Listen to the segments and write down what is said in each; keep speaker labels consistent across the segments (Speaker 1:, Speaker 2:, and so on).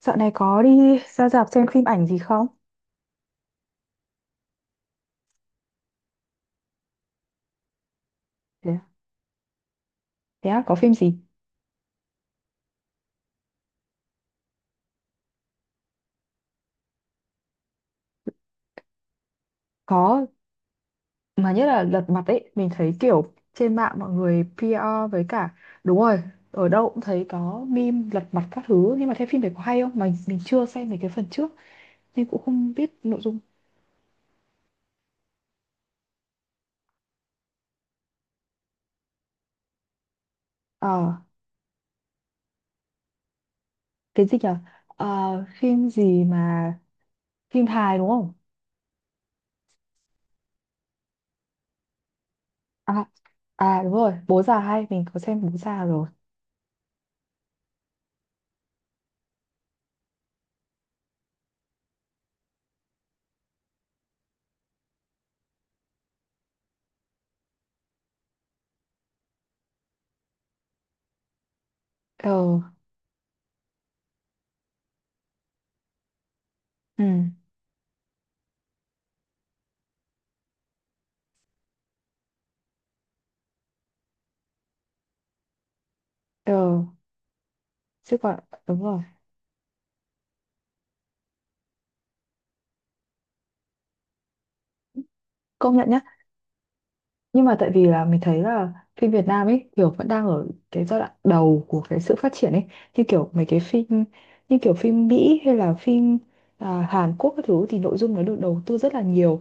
Speaker 1: Dạo này có đi ra rạp xem phim ảnh gì không? Thế, à? Thế à, có phim gì? Có, mà nhất là lật mặt ấy, mình thấy kiểu trên mạng mọi người PR với cả đúng rồi, ở đâu cũng thấy có meme lật mặt các thứ, nhưng mà thế phim đấy có hay không? Mà mình chưa xem mấy cái phần trước nên cũng không biết nội dung. Ờ, cái gì nhở? Ờ, phim gì mà phim hài đúng không? À, à đúng rồi, Bố già hay, mình có xem Bố già rồi. Ờ, ừ, ờ, chứ còn đúng rồi. Công nhận nhưng mà tại vì là mình thấy là phim Việt Nam ấy kiểu vẫn đang ở cái giai đoạn đầu của cái sự phát triển ấy, như kiểu mấy cái phim, như kiểu phim Mỹ hay là phim Hàn Quốc các thứ thì nội dung nó được đầu tư rất là nhiều,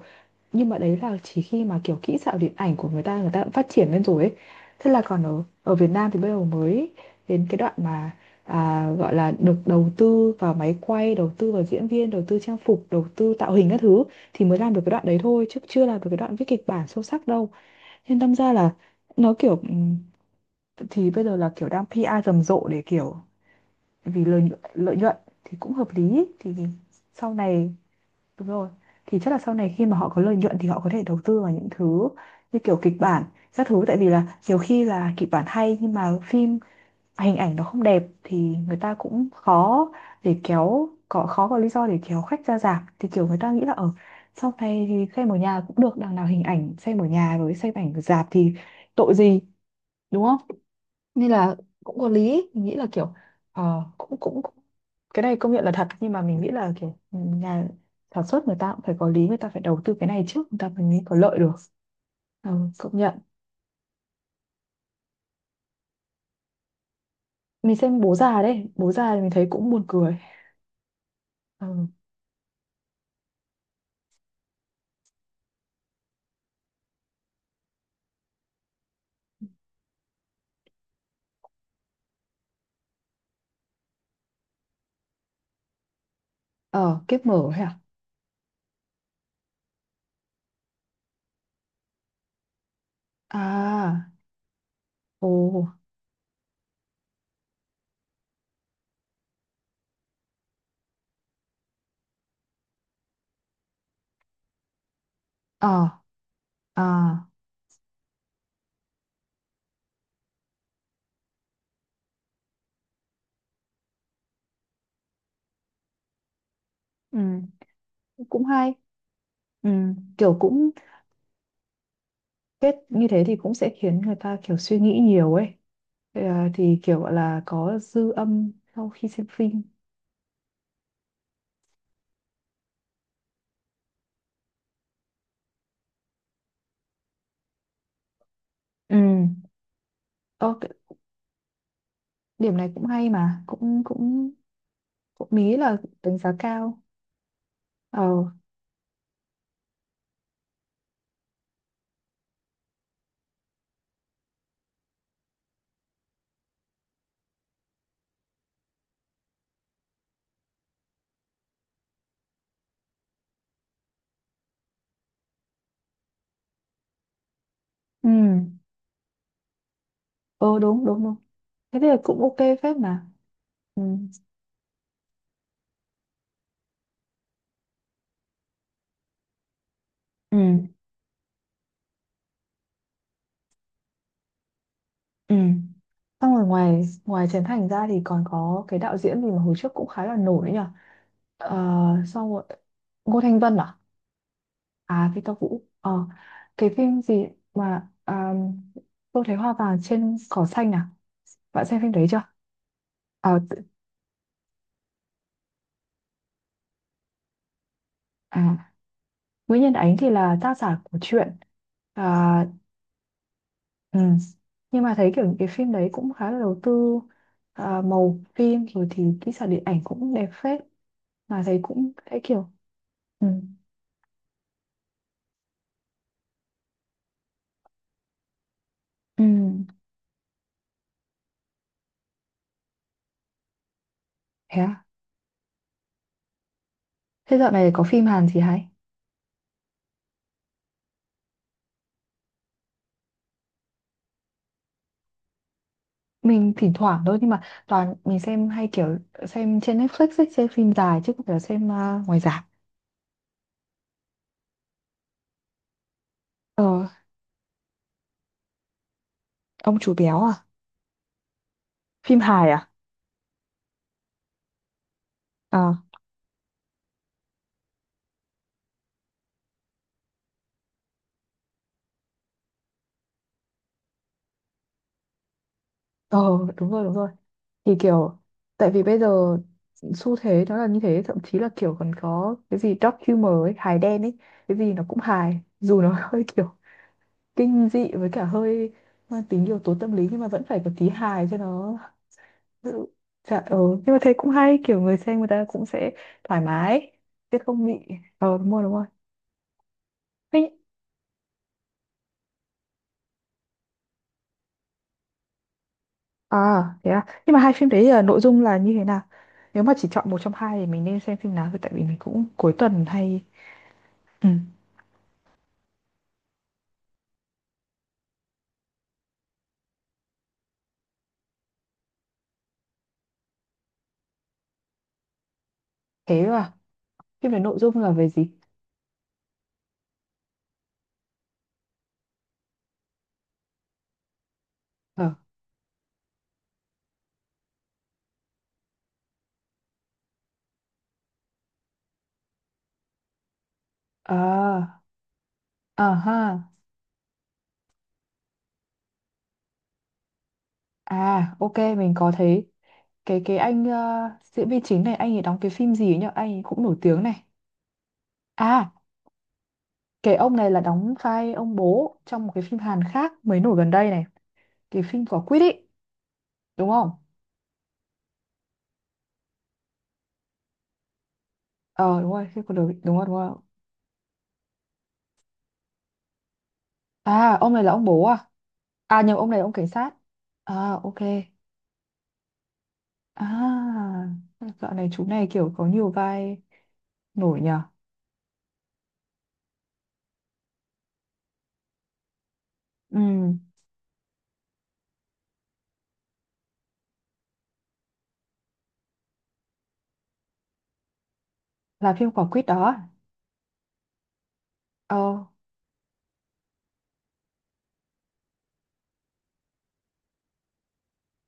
Speaker 1: nhưng mà đấy là chỉ khi mà kiểu kỹ xảo điện ảnh của người ta đã phát triển lên rồi ấy. Thế là còn ở ở Việt Nam thì bây giờ mới đến cái đoạn mà, gọi là được đầu tư vào máy quay, đầu tư vào diễn viên, đầu tư trang phục, đầu tư tạo hình các thứ, thì mới làm được cái đoạn đấy thôi chứ chưa làm được cái đoạn viết kịch bản sâu sắc đâu. Nên đâm ra là nó kiểu thì bây giờ là kiểu đang PR rầm rộ để kiểu vì lợi nhuận thì cũng hợp lý ý. Thì sau này đúng rồi, thì chắc là sau này khi mà họ có lợi nhuận thì họ có thể đầu tư vào những thứ như kiểu kịch bản các thứ, tại vì là nhiều khi là kịch bản hay nhưng mà phim, hình ảnh nó không đẹp thì người ta cũng khó để kéo, có khó có lý do để kéo khách ra rạp, thì kiểu người ta nghĩ là ở sau này thì xem ở nhà cũng được, đằng nào hình ảnh xem ở nhà với xem ảnh rạp thì tội gì, đúng không? Nên là cũng có lý, mình nghĩ là kiểu ờ, cũng, cũng cũng cái này công nhận là thật, nhưng mà mình nghĩ là kiểu nhà sản xuất người ta cũng phải có lý, người ta phải đầu tư cái này trước người ta mới có lợi được. ừ, công nhận. Mình xem bố già đấy, bố già thì mình thấy cũng buồn cười. Ừ. Ờ kiếp mở hả? À à. Ồ. Ờ. À. Ừ. Cũng hay. Ừ. Kiểu cũng kết như thế thì cũng sẽ khiến người ta kiểu suy nghĩ nhiều ấy. Ờ, thì kiểu gọi là có dư âm sau khi xem phim. Ừ. Ơ, cái- điểm này cũng hay mà cũng cũng cũng mỹ là đánh giá cao. Ờ. Ừ. Ờ đúng đúng đúng, thế thì cũng ok phết mà. Ừ. Ừ. Ừ. Xong rồi ngoài ngoài Trấn Thành ra thì còn có cái đạo diễn gì mà hồi trước cũng khá là nổi nhỉ? ờ, xong rồi Ngô Thanh Vân à? À Victor Vũ. Ờ. Cái phim gì mà, Tôi thấy hoa vàng trên cỏ xanh à? Bạn xem phim đấy chưa? Ờ, tự- à, Nguyễn Nhân Ánh thì là tác giả của truyện. À. Ừ. Nhưng mà thấy kiểu những cái phim đấy cũng khá là đầu tư, màu phim rồi thì kỹ xảo điện ảnh cũng đẹp phết mà, thấy cũng thấy kiểu. Ừ. Ừ. Thế à? Thế dạo này có phim Hàn gì hay? Mình thỉnh thoảng thôi, nhưng mà toàn mình xem hay kiểu xem trên Netflix ấy, xem phim dài chứ không phải là xem ngoài rạp. Ờ. Ông chú béo à? Phim hài à? À. Ờ đúng rồi đúng rồi, thì kiểu tại vì bây giờ xu thế nó là như thế, thậm chí là kiểu còn có cái gì dark humor ấy, hài đen ấy, cái gì nó cũng hài dù nó hơi kiểu kinh dị với cả hơi mang tính yếu tố tâm lý nhưng mà vẫn phải có tí hài cho nó. Dự- Dạ, ừ. Nhưng mà thấy cũng hay, kiểu người xem người ta cũng sẽ thoải mái chứ không bị. Ờ đúng rồi đúng rồi. Thế- à thế à, nhưng mà hai phim đấy là nội dung là như thế nào? Nếu mà chỉ chọn một trong hai thì mình nên xem phim nào, thì tại vì mình cũng cuối tuần hay. Ừ. Thế à, phim này nội dung là về gì? Ờ. à, à ha, à ok mình có thấy cái anh diễn viên chính này anh ấy đóng cái phim gì ấy nhở? Anh ấy cũng nổi tiếng này. À. Cái ông này là đóng vai ông bố trong một cái phim Hàn khác mới nổi gần đây này. Cái phim quả quýt ý, đúng không? Ờ đúng rồi, phim của đời, đúng rồi, đúng rồi. À, ông này là ông bố à? À nhầm, ông này là ông cảnh sát. À, ok. À, dạo này chú này kiểu có nhiều vai nổi nhờ. Ừ, là phim quả quýt đó. À? Ờ,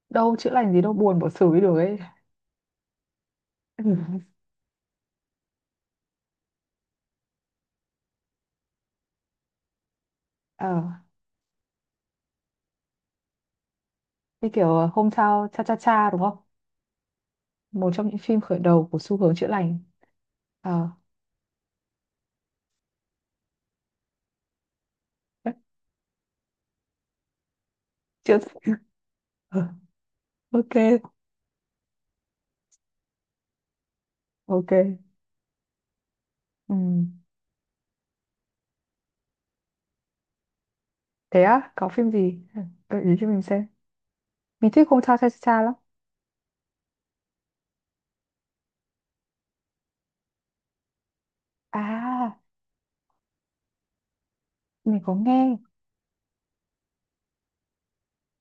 Speaker 1: đâu chữa lành gì đâu, buồn bỏ xử đi được ấy. Ừ. Ờ, như kiểu hôm sau cha cha cha đúng không? Một trong những phim khởi đầu của xu hướng chữa lành. Ờ. Chữa. Ờ, ok ok. Ừ. Thế á, có phim gì gợi ý cho mình xem? Mình thích Hometown Cha cha cha lắm. À, mình có nghe.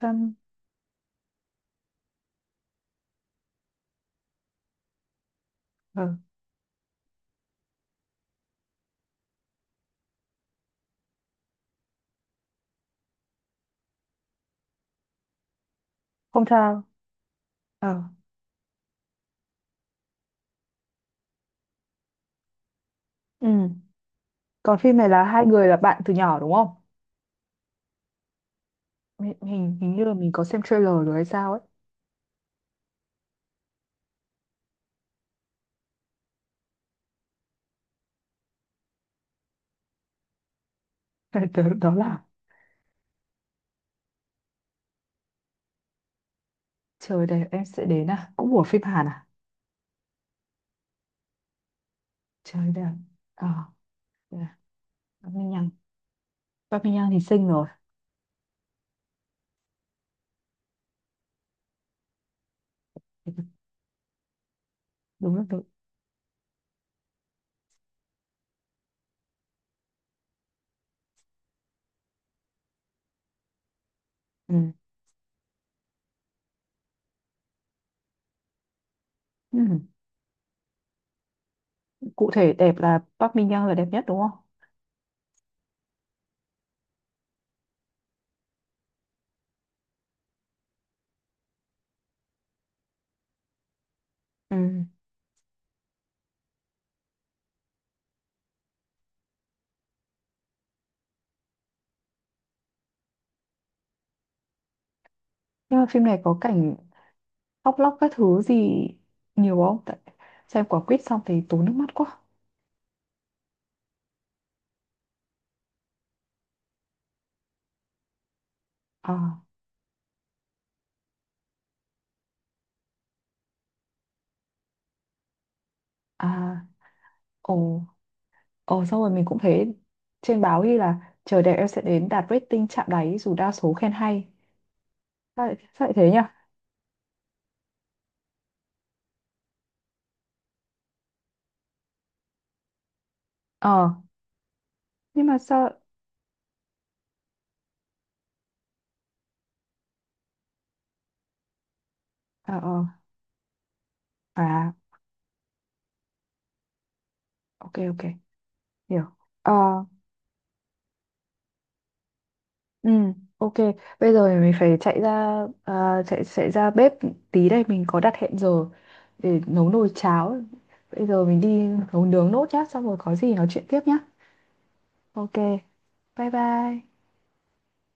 Speaker 1: um, ờ, Hometown. Ờ. Ừ. Còn phim này là hai người là bạn từ nhỏ đúng không? Hình hình như là mình có xem trailer rồi hay sao ấy. Đó, đó là trời đẹp em sẽ đến, à cũng của phim Hàn à. Trời đẹp. Ờ. À, Park Min Young. Park Min Young thì xinh rồi. Đúng rồi đúng. Ừ. Ừ. Cụ thể đẹp là Park Min Young là đẹp nhất đúng không? Ừ. Nhưng mà phim này có cảnh khóc lóc các thứ gì nhiều không? Tại xem quả quýt xong thì tốn nước mắt quá. À. À. Ồ. Ồ xong rồi mình cũng thấy trên báo ghi là chờ đẹp em sẽ đến đạt rating chạm đáy dù đa số khen hay. Sao lại thế nhỉ? Ờ, nhưng mà sao... Ờ, ờ, à, ok, ok, hiểu. Ờ. Ừ, ok. Bây giờ thì mình phải chạy ra, à, chạy chạy ra bếp tí đây, mình có đặt hẹn giờ để nấu nồi cháo. Bây giờ mình đi nấu nướng nốt nhá, xong rồi có gì nói chuyện tiếp nhá. Ok. Bye bye.